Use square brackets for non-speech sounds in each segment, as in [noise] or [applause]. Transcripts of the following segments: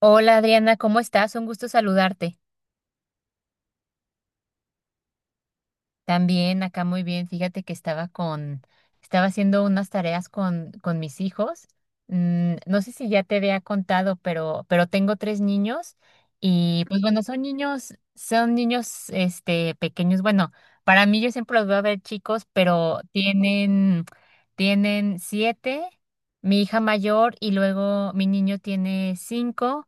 Hola Adriana, ¿cómo estás? Un gusto saludarte. También acá muy bien. Fíjate que estaba haciendo unas tareas con mis hijos. No sé si ya te había contado, pero tengo tres niños y pues bueno, son niños, pequeños. Bueno, para mí yo siempre los voy a ver chicos, pero tienen siete, mi hija mayor y luego mi niño tiene cinco.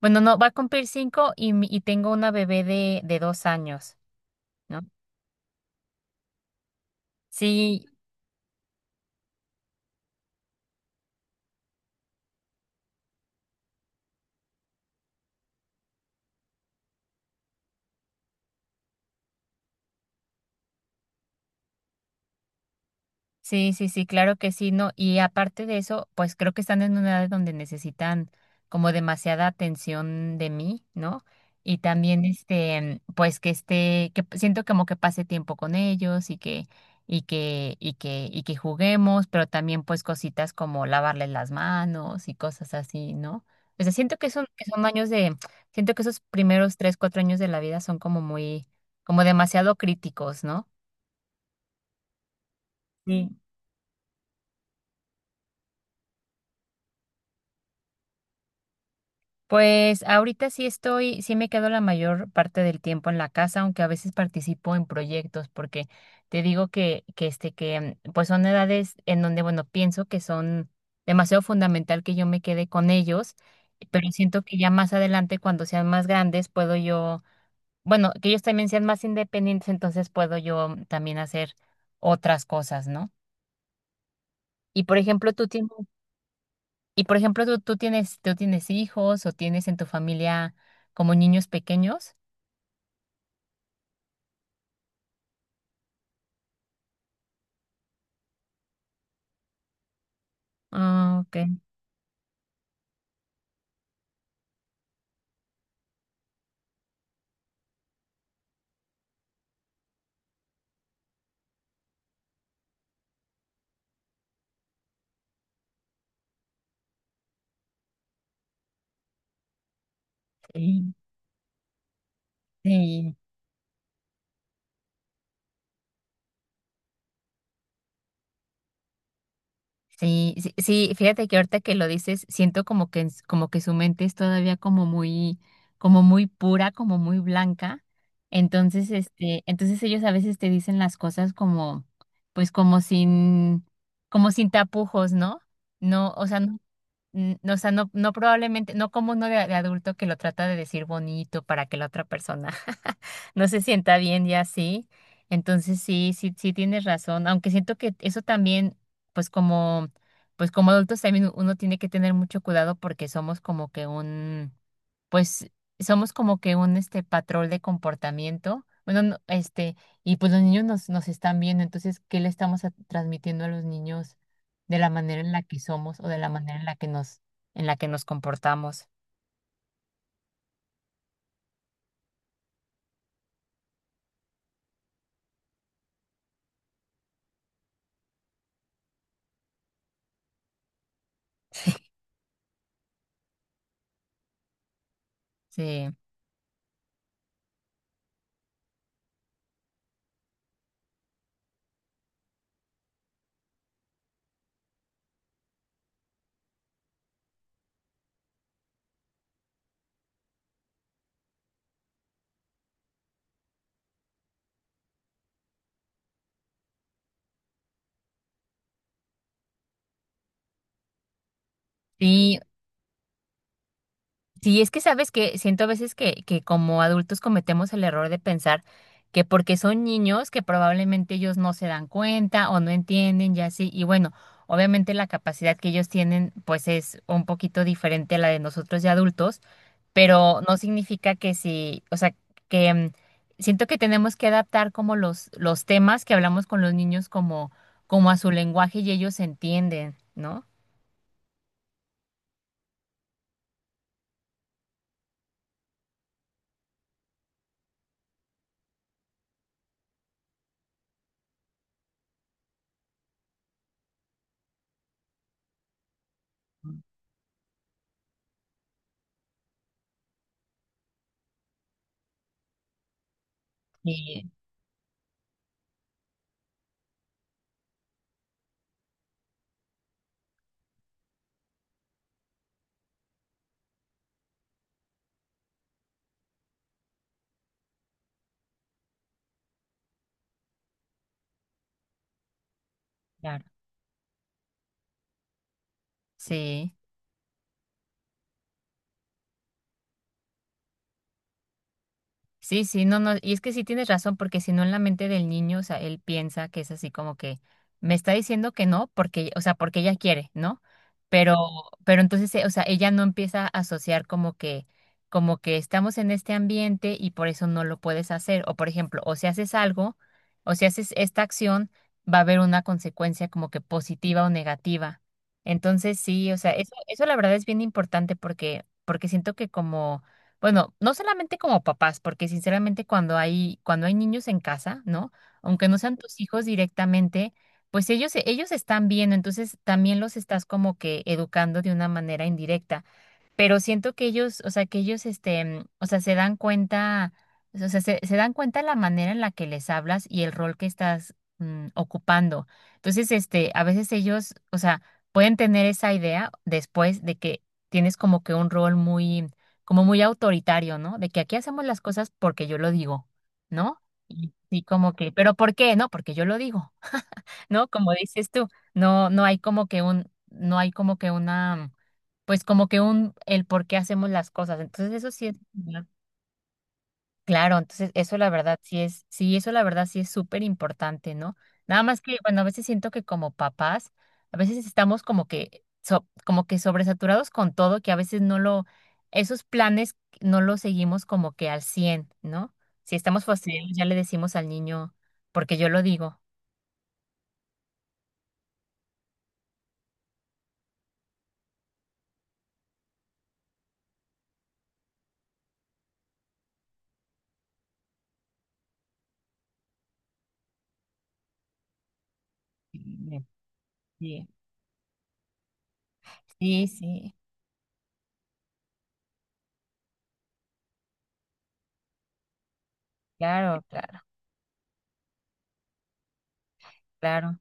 Bueno, no, va a cumplir cinco y tengo una bebé de 2 años, ¿no? Sí, sí, sí, sí, claro que sí, no. Y aparte de eso, pues creo que están en una edad donde necesitan como demasiada atención de mí, ¿no? Y también este, pues que esté, siento como que pase tiempo con ellos y que, y que juguemos, pero también pues cositas como lavarles las manos y cosas así, ¿no? O sea, siento que son años de, siento que esos primeros 3, 4 años de la vida son como muy, como demasiado críticos, ¿no? Sí. Pues ahorita sí estoy, sí me quedo la mayor parte del tiempo en la casa, aunque a veces participo en proyectos, porque te digo que, pues son edades en donde, bueno, pienso que son demasiado fundamental que yo me quede con ellos, pero siento que ya más adelante, cuando sean más grandes, puedo yo, bueno, que ellos también sean más independientes, entonces puedo yo también hacer otras cosas, ¿no? Y por ejemplo, tú tienes y por ejemplo, tú tienes hijos o tienes en tu familia como niños pequeños. Ah, ok. Sí, sí, sí, sí, sí, fíjate que ahorita que lo dices, siento como que, como que su mente es todavía como muy pura, como muy blanca. Entonces, este, entonces ellos a veces te dicen las cosas como, pues como sin tapujos, ¿no? No, o sea, no no, o sea, no probablemente, no como uno de adulto que lo trata de decir bonito para que la otra persona [laughs] no se sienta bien y así. Entonces sí, sí, sí tienes razón, aunque siento que eso también, pues como, pues como adultos también uno tiene que tener mucho cuidado porque somos como que un pues patrón de comportamiento, bueno, no, este, y pues los niños nos están viendo, entonces, ¿qué le estamos transmitiendo a los niños de la manera en la que somos o de la manera en la que nos comportamos? Sí. Sí, sí, es que sabes que siento a veces que como adultos cometemos el error de pensar que porque son niños que probablemente ellos no se dan cuenta o no entienden y así. Y bueno, obviamente la capacidad que ellos tienen pues es un poquito diferente a la de nosotros de adultos, pero no significa que si, o sea, que mm, siento que tenemos que adaptar como los temas que hablamos con los niños como, como a su lenguaje y ellos entienden, ¿no? Sí, claro. Sí. Sí, sí, no, no, y es que sí tienes razón, porque si no en la mente del niño, o sea, él piensa que es así como que me está diciendo que no, porque, o sea, porque ella quiere, ¿no? Pero, pero entonces, o sea, ella no empieza a asociar como que estamos en este ambiente y por eso no lo puedes hacer. O por ejemplo, o si haces algo, o si haces esta acción, va a haber una consecuencia como que positiva o negativa. Entonces, sí, o sea, eso la verdad es bien importante porque, porque siento que como bueno, no solamente como papás, porque sinceramente cuando hay, niños en casa, ¿no? Aunque no sean tus hijos directamente, pues ellos están viendo, entonces también los estás como que educando de una manera indirecta, pero siento que ellos, o sea, que ellos, este, mm, o sea, se dan cuenta, o sea, se dan cuenta la manera en la que les hablas y el rol que estás ocupando. Entonces, este, a veces ellos, o sea, pueden tener esa idea después de que tienes como que un rol muy, como muy autoritario, ¿no? De que aquí hacemos las cosas porque yo lo digo, ¿no? Y como que, ¿pero por qué? No, porque yo lo digo. ¿No? Como dices tú, no, no hay como que un, no hay como que una, pues como que un, el por qué hacemos las cosas. Entonces eso sí es, ¿no? Claro, entonces eso la verdad sí es, sí, eso la verdad sí es súper importante, ¿no? Nada más que, bueno, a veces siento que como papás, a veces estamos como que, como que sobresaturados con todo, que a veces no lo, esos planes no los seguimos como que al cien, ¿no? Si estamos fastidiados, ya le decimos al niño, porque yo lo digo. Sí, sí, sí. Claro, claro, claro.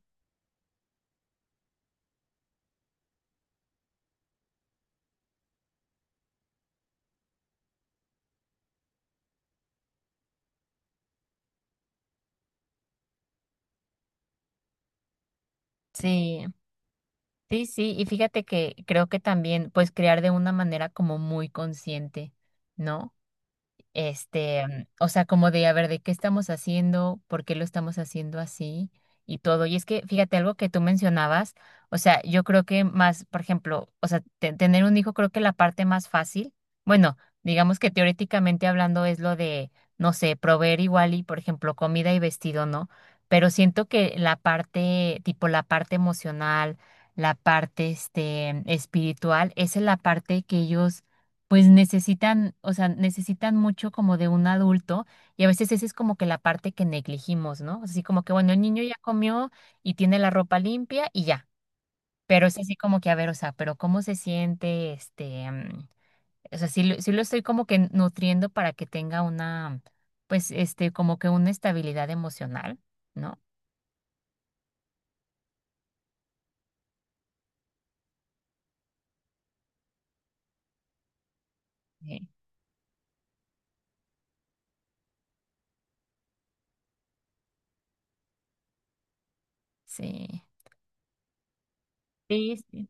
Sí, sí, sí. Y fíjate que creo que también, pues, crear de una manera como muy consciente, ¿no? Este, mm, o sea, como de, a ver, ¿de qué estamos haciendo? ¿Por qué lo estamos haciendo así? Y todo. Y es que, fíjate, algo que tú mencionabas, o sea, yo creo que más, por ejemplo, o sea, tener un hijo, creo que la parte más fácil, bueno, digamos que teóricamente hablando es lo de, no sé, proveer igual y, por ejemplo, comida y vestido, ¿no? Pero siento que la parte, tipo la parte emocional, la parte, este, espiritual, esa es la parte que ellos pues necesitan, o sea, necesitan mucho como de un adulto y a veces esa es como que la parte que negligimos, ¿no? Así como que, bueno, el niño ya comió y tiene la ropa limpia y ya, pero es así como que, a ver, o sea, pero ¿cómo se siente? Este, mm, o sea, sí, sí lo estoy como que nutriendo para que tenga una, pues, este, como que una estabilidad emocional, ¿no? Sí, sí, sí. Sí.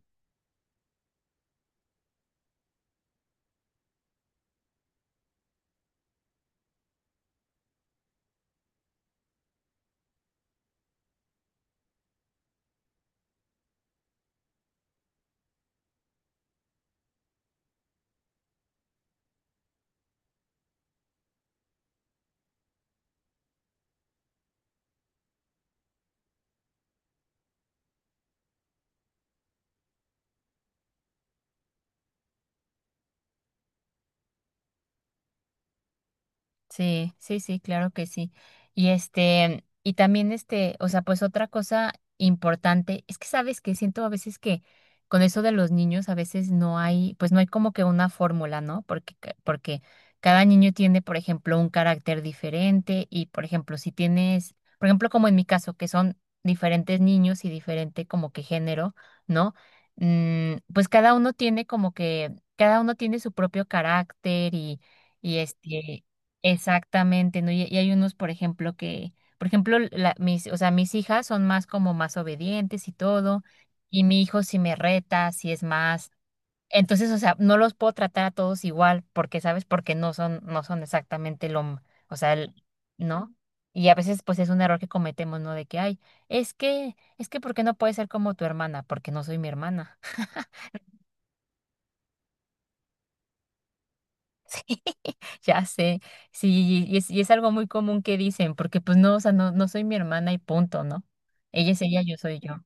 Sí, sí, sí, claro que sí. Y este, y también este, o sea, pues otra cosa importante es que sabes que siento a veces que con eso de los niños a veces no hay, pues no hay como que una fórmula, ¿no? Porque porque cada niño tiene, por ejemplo, un carácter diferente y, por ejemplo, si tienes, por ejemplo, como en mi caso, que son diferentes niños y diferente como que género, ¿no? Mm, pues cada uno tiene como que cada uno tiene su propio carácter y, y este exactamente, ¿no? Y hay unos, por ejemplo, que, por ejemplo, mis, o sea, mis hijas son más como más obedientes y todo, y mi hijo si me reta, si es más. Entonces, o sea, no los puedo tratar a todos igual, porque, ¿sabes? Porque no son, no son exactamente lo, o sea, ¿no? Y a veces, pues, es un error que cometemos, ¿no? De que, ay, es, que, es que, ¿por qué no puede ser como tu hermana? Porque no soy mi hermana. Sí, [laughs] ya sé, sí, y es algo muy común que dicen, porque pues no, o sea, no, no soy mi hermana y punto, ¿no? Ella es ella, yo soy yo.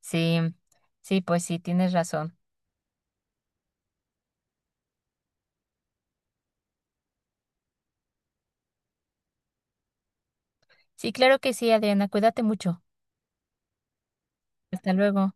Sí, sí, pues sí, tienes razón. Sí, claro que sí, Adriana, cuídate mucho. Hasta luego.